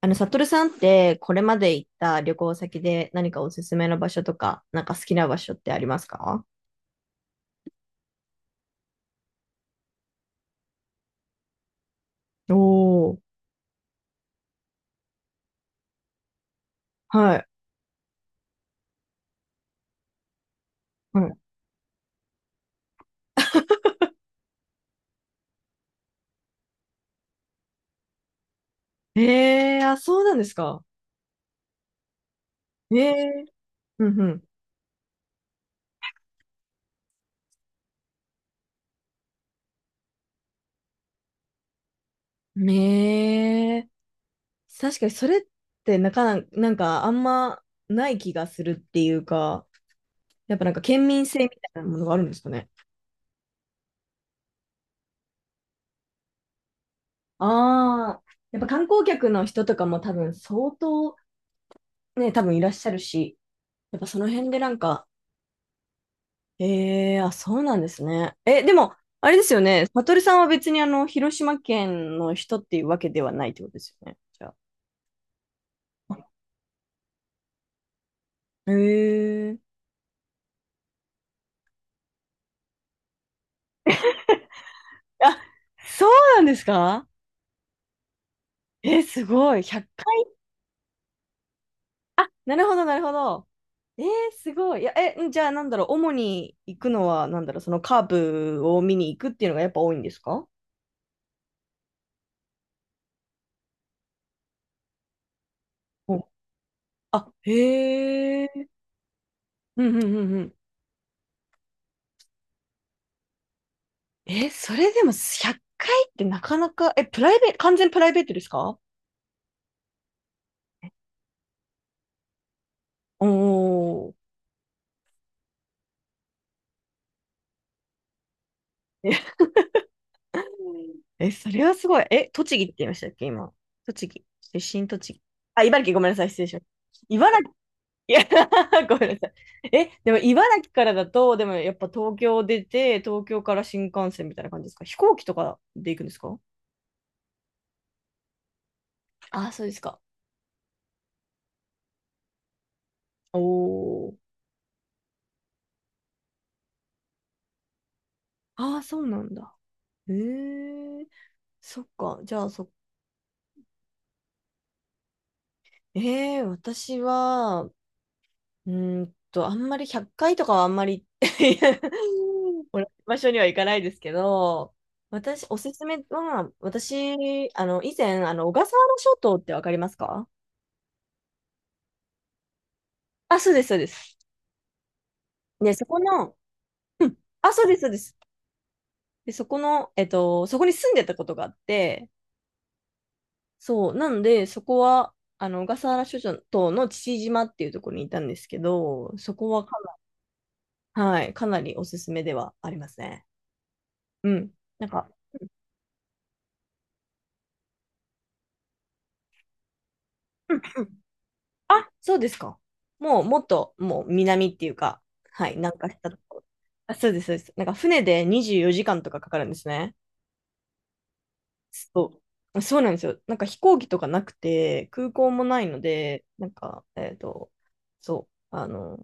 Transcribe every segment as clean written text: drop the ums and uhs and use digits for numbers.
サトルさんって、これまで行った旅行先で何かおすすめの場所とか、なんか好きな場所ってありますか？おー、はい、はい。あ、そうなんですか。えー、うんうん。確かにそれってなかな、なんかあんまない気がするっていうか、やっぱなんか県民性みたいなものがあるんですかね。ああ、やっぱ観光客の人とかも多分相当ね、多分いらっしゃるし、やっぱその辺でなんか、ええあ、そうなんですね。え、でも、あれですよね。サトルさんは別に広島県の人っていうわけではないってことですよね。じゃあ。へえあ、そうなんですか？え、すごい。100回。あ、なるほど、なるほど。えー、すごい。いや、え、んじゃあ、なんだろう。主に行くのは、なんだろう。そのカープを見に行くっていうのがやっぱ多いんですか？おあ、へえ。うんうんうんうん。え、それでも100回っかいってなかなか、え、プライベート、完全プライベートですか？おー。ええ、それはすごい。え、栃木って言いましたっけ、今。栃木。出身栃木。あ、茨城、ごめんなさい。失礼しました。茨城、いや ごめんなさい。え、でも茨城からだと、でもやっぱ東京出て、東京から新幹線みたいな感じですか？飛行機とかで行くんですか？ああ、そうですか。おお。ああ、そうなんだ。へえ、そっか。じゃあ、そ、ええ、私は、うーんと、あんまり100回とかはあんまり 同じ場所には行かないですけど、私、おすすめは、私、以前、小笠原諸島ってわかりますか？あ、そうです、そうです。ね、そこの、うんあ、そうです、そうです。で、そこの、そこに住んでたことがあって、そう、なんで、そこは、小笠原諸島の父島っていうところにいたんですけど、そこはかな、はい、かなりおすすめではありますね。うん。なんか、うんあ、そうですか。もう、もっと、もう、南っていうか、はい、南下したところ。あ、そうです、そうです。なんか、船で24時間とかかかるんですね。そう。そうなんですよ。なんか、飛行機とかなくて、空港もないので、なんか、そう、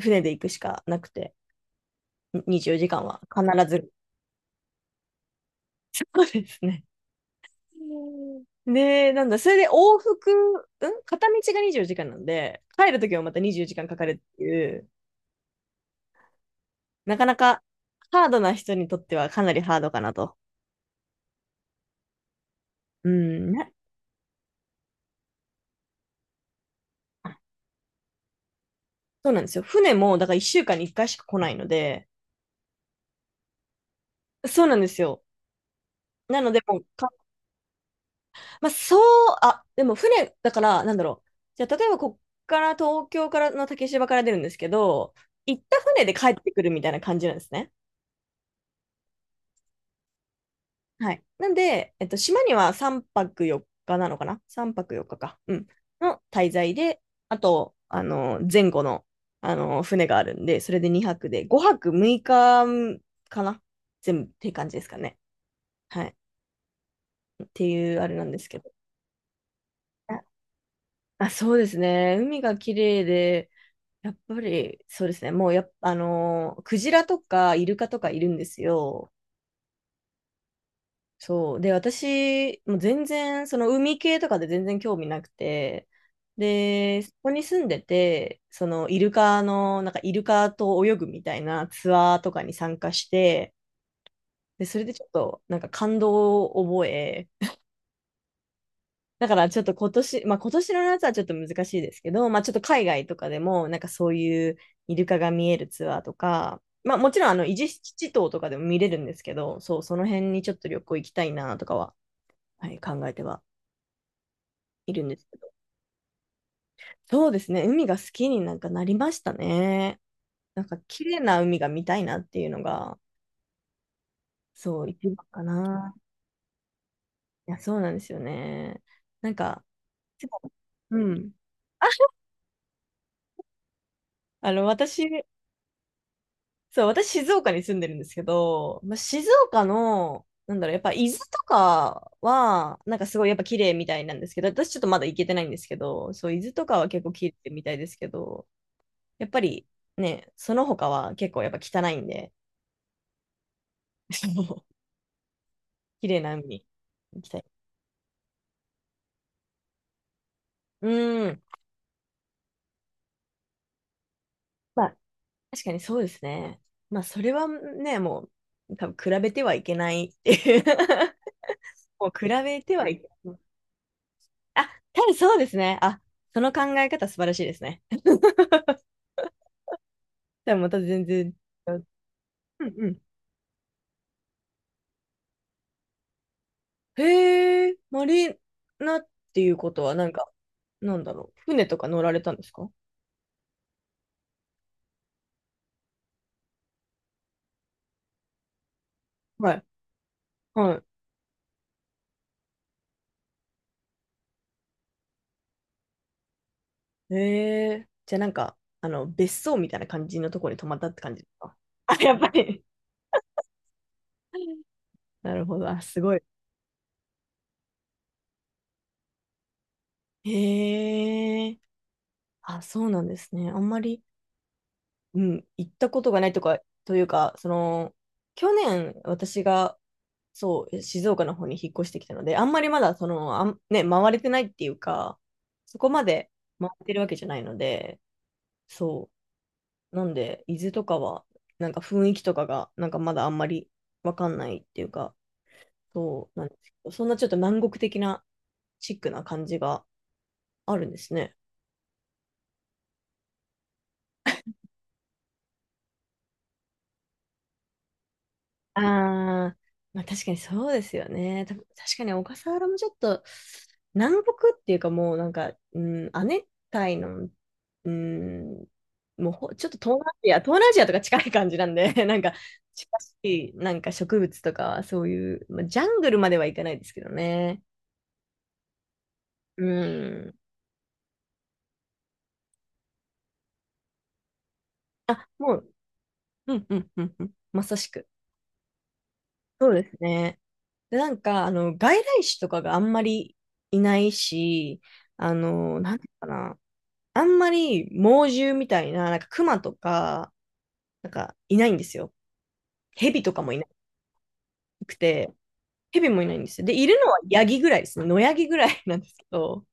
船で行くしかなくて、24時間は必ず。そうですね。で、なんだ、それで往復、うん片道が24時間なんで、帰るときはまた24時間かんかかるっていう、なかなかハードな人にとってはかなりハードかなと。うん、なそうなんですよ。船も、だから1週間に1回しか来ないので、そうなんですよ。なので、もうか、まあ、そう、あ、でも船、だから、なんだろう。じゃあ、例えば、こっから、東京からの竹芝から出るんですけど、行った船で帰ってくるみたいな感じなんですね。はい。なんで、島には3泊4日なのかな？ 3 泊4日かか。うん。の滞在で、あと、前後の、船があるんで、それで2泊で、5泊6日かかな全部って感じですかね。はい。っていうあれなんですけど。あ、あそうですね。海が綺麗で、やっぱり、そうですね。もうやっぱ、クジラとかイルカとかいるんですよ。そう。で、私、もう全然、その海系とかで全然興味なくて、で、そこに住んでて、そのイルカの、なんかイルカと泳ぐみたいなツアーとかに参加して、で、それでちょっと、なんか感動を覚え、だからちょっと今年、まあ今年の夏はちょっと難しいですけど、まあちょっと海外とかでも、なんかそういうイルカが見えるツアーとか、まあもちろん伊豆七島とかでも見れるんですけど、そう、その辺にちょっと旅行行きたいなとかは、はい、考えてはいるんですけど。そうですね。海が好きになんかなりましたね。なんか綺麗な海が見たいなっていうのが、そう、一番かな。いや、そうなんですよね。なんか、でもうん。私、そう、私、静岡に住んでるんですけど、まあ、静岡の、なんだろう、やっぱ伊豆とかは、なんかすごいやっぱ綺麗みたいなんですけど、私ちょっとまだ行けてないんですけど、そう、伊豆とかは結構綺麗みたいですけど、やっぱりね、その他は結構やっぱ汚いんで、そう綺麗な海に行きたい。うん。まあ、確かにそうですね。まあ、それはね、もう、多分比べてはいけないっていう もう比べてはいけない。あ、た分そうですね。あ、その考え方素晴らしいですね。でもまた全然違う。うんうん。へえ、マリーナっていうことは、なんか、なんだろう。船とか乗られたんですか？はい。はい。へえ、じゃあなんか、別荘みたいな感じのところに泊まったって感じですか？あ、やっぱり。なるほど。あ、すごい。へえ。あ、そうなんですね。あんまり、うん、行ったことがないとか、というか、その、去年、私が、そう、静岡の方に引っ越してきたので、あんまりまだ、その、あん、ね、回れてないっていうか、そこまで回ってるわけじゃないので、そう。なんで、伊豆とかは、なんか雰囲気とかが、なんかまだあんまりわかんないっていうか、そうなんですけど、そんなちょっと南国的なチックな感じがあるんですね。ああ、まあ確かにそうですよね。た確かに小笠原もちょっと南国っていうかもうなんか、うん、亜熱帯の、うん、もうほちょっと東南アジア、東南アジアとか近い感じなんで、なんか近しいなんか植物とかそういう、まあ、ジャングルまではいかないですけどね。うん。あ、もう、うんうんうんうん。まさしく。そうですね。で、なんか、外来種とかがあんまりいないし、なんていうのかな。あんまり猛獣みたいな、なんか熊とか、なんかいないんですよ。蛇とかもいなくて、蛇もいないんですよ。で、いるのはヤギぐらいですね。野ヤギぐらいなんですけど、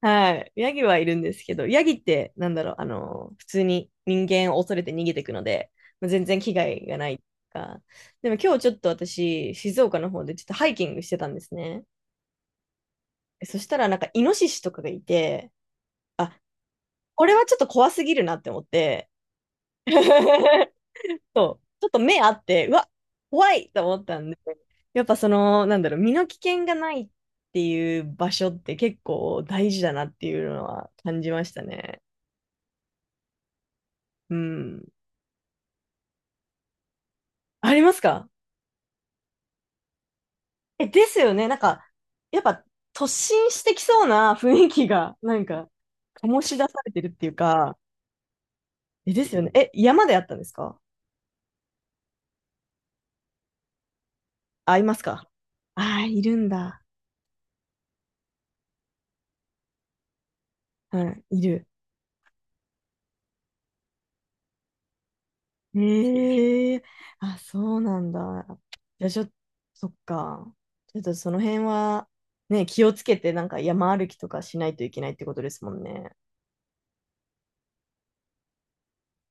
はい。ヤギはいるんですけど、ヤギってなんだろう、普通に人間を恐れて逃げていくので、まあ全然危害がないか。でも今日ちょっと私、静岡の方でちょっとハイキングしてたんですね。そしたらなんかイノシシとかがいて、あ、これはちょっと怖すぎるなって思って、そう、ちょっと目あって、うわ、怖いと思ったんで、やっぱその、なんだろう、身の危険がないっていう場所って結構大事だなっていうのは感じましたね。うん。ありますか？え、ですよね。なんか、やっぱ突進してきそうな雰囲気が、なんか、醸し出されてるっていうか、え、ですよね。え、山であったんですか？あ、いますか？あー、いるんだ。うん、いる。ええあ、そうなんだ。じゃあちょっと、そっか。ちょっとその辺は、ね、気をつけて、なんか山歩きとかしないといけないってことですもんね。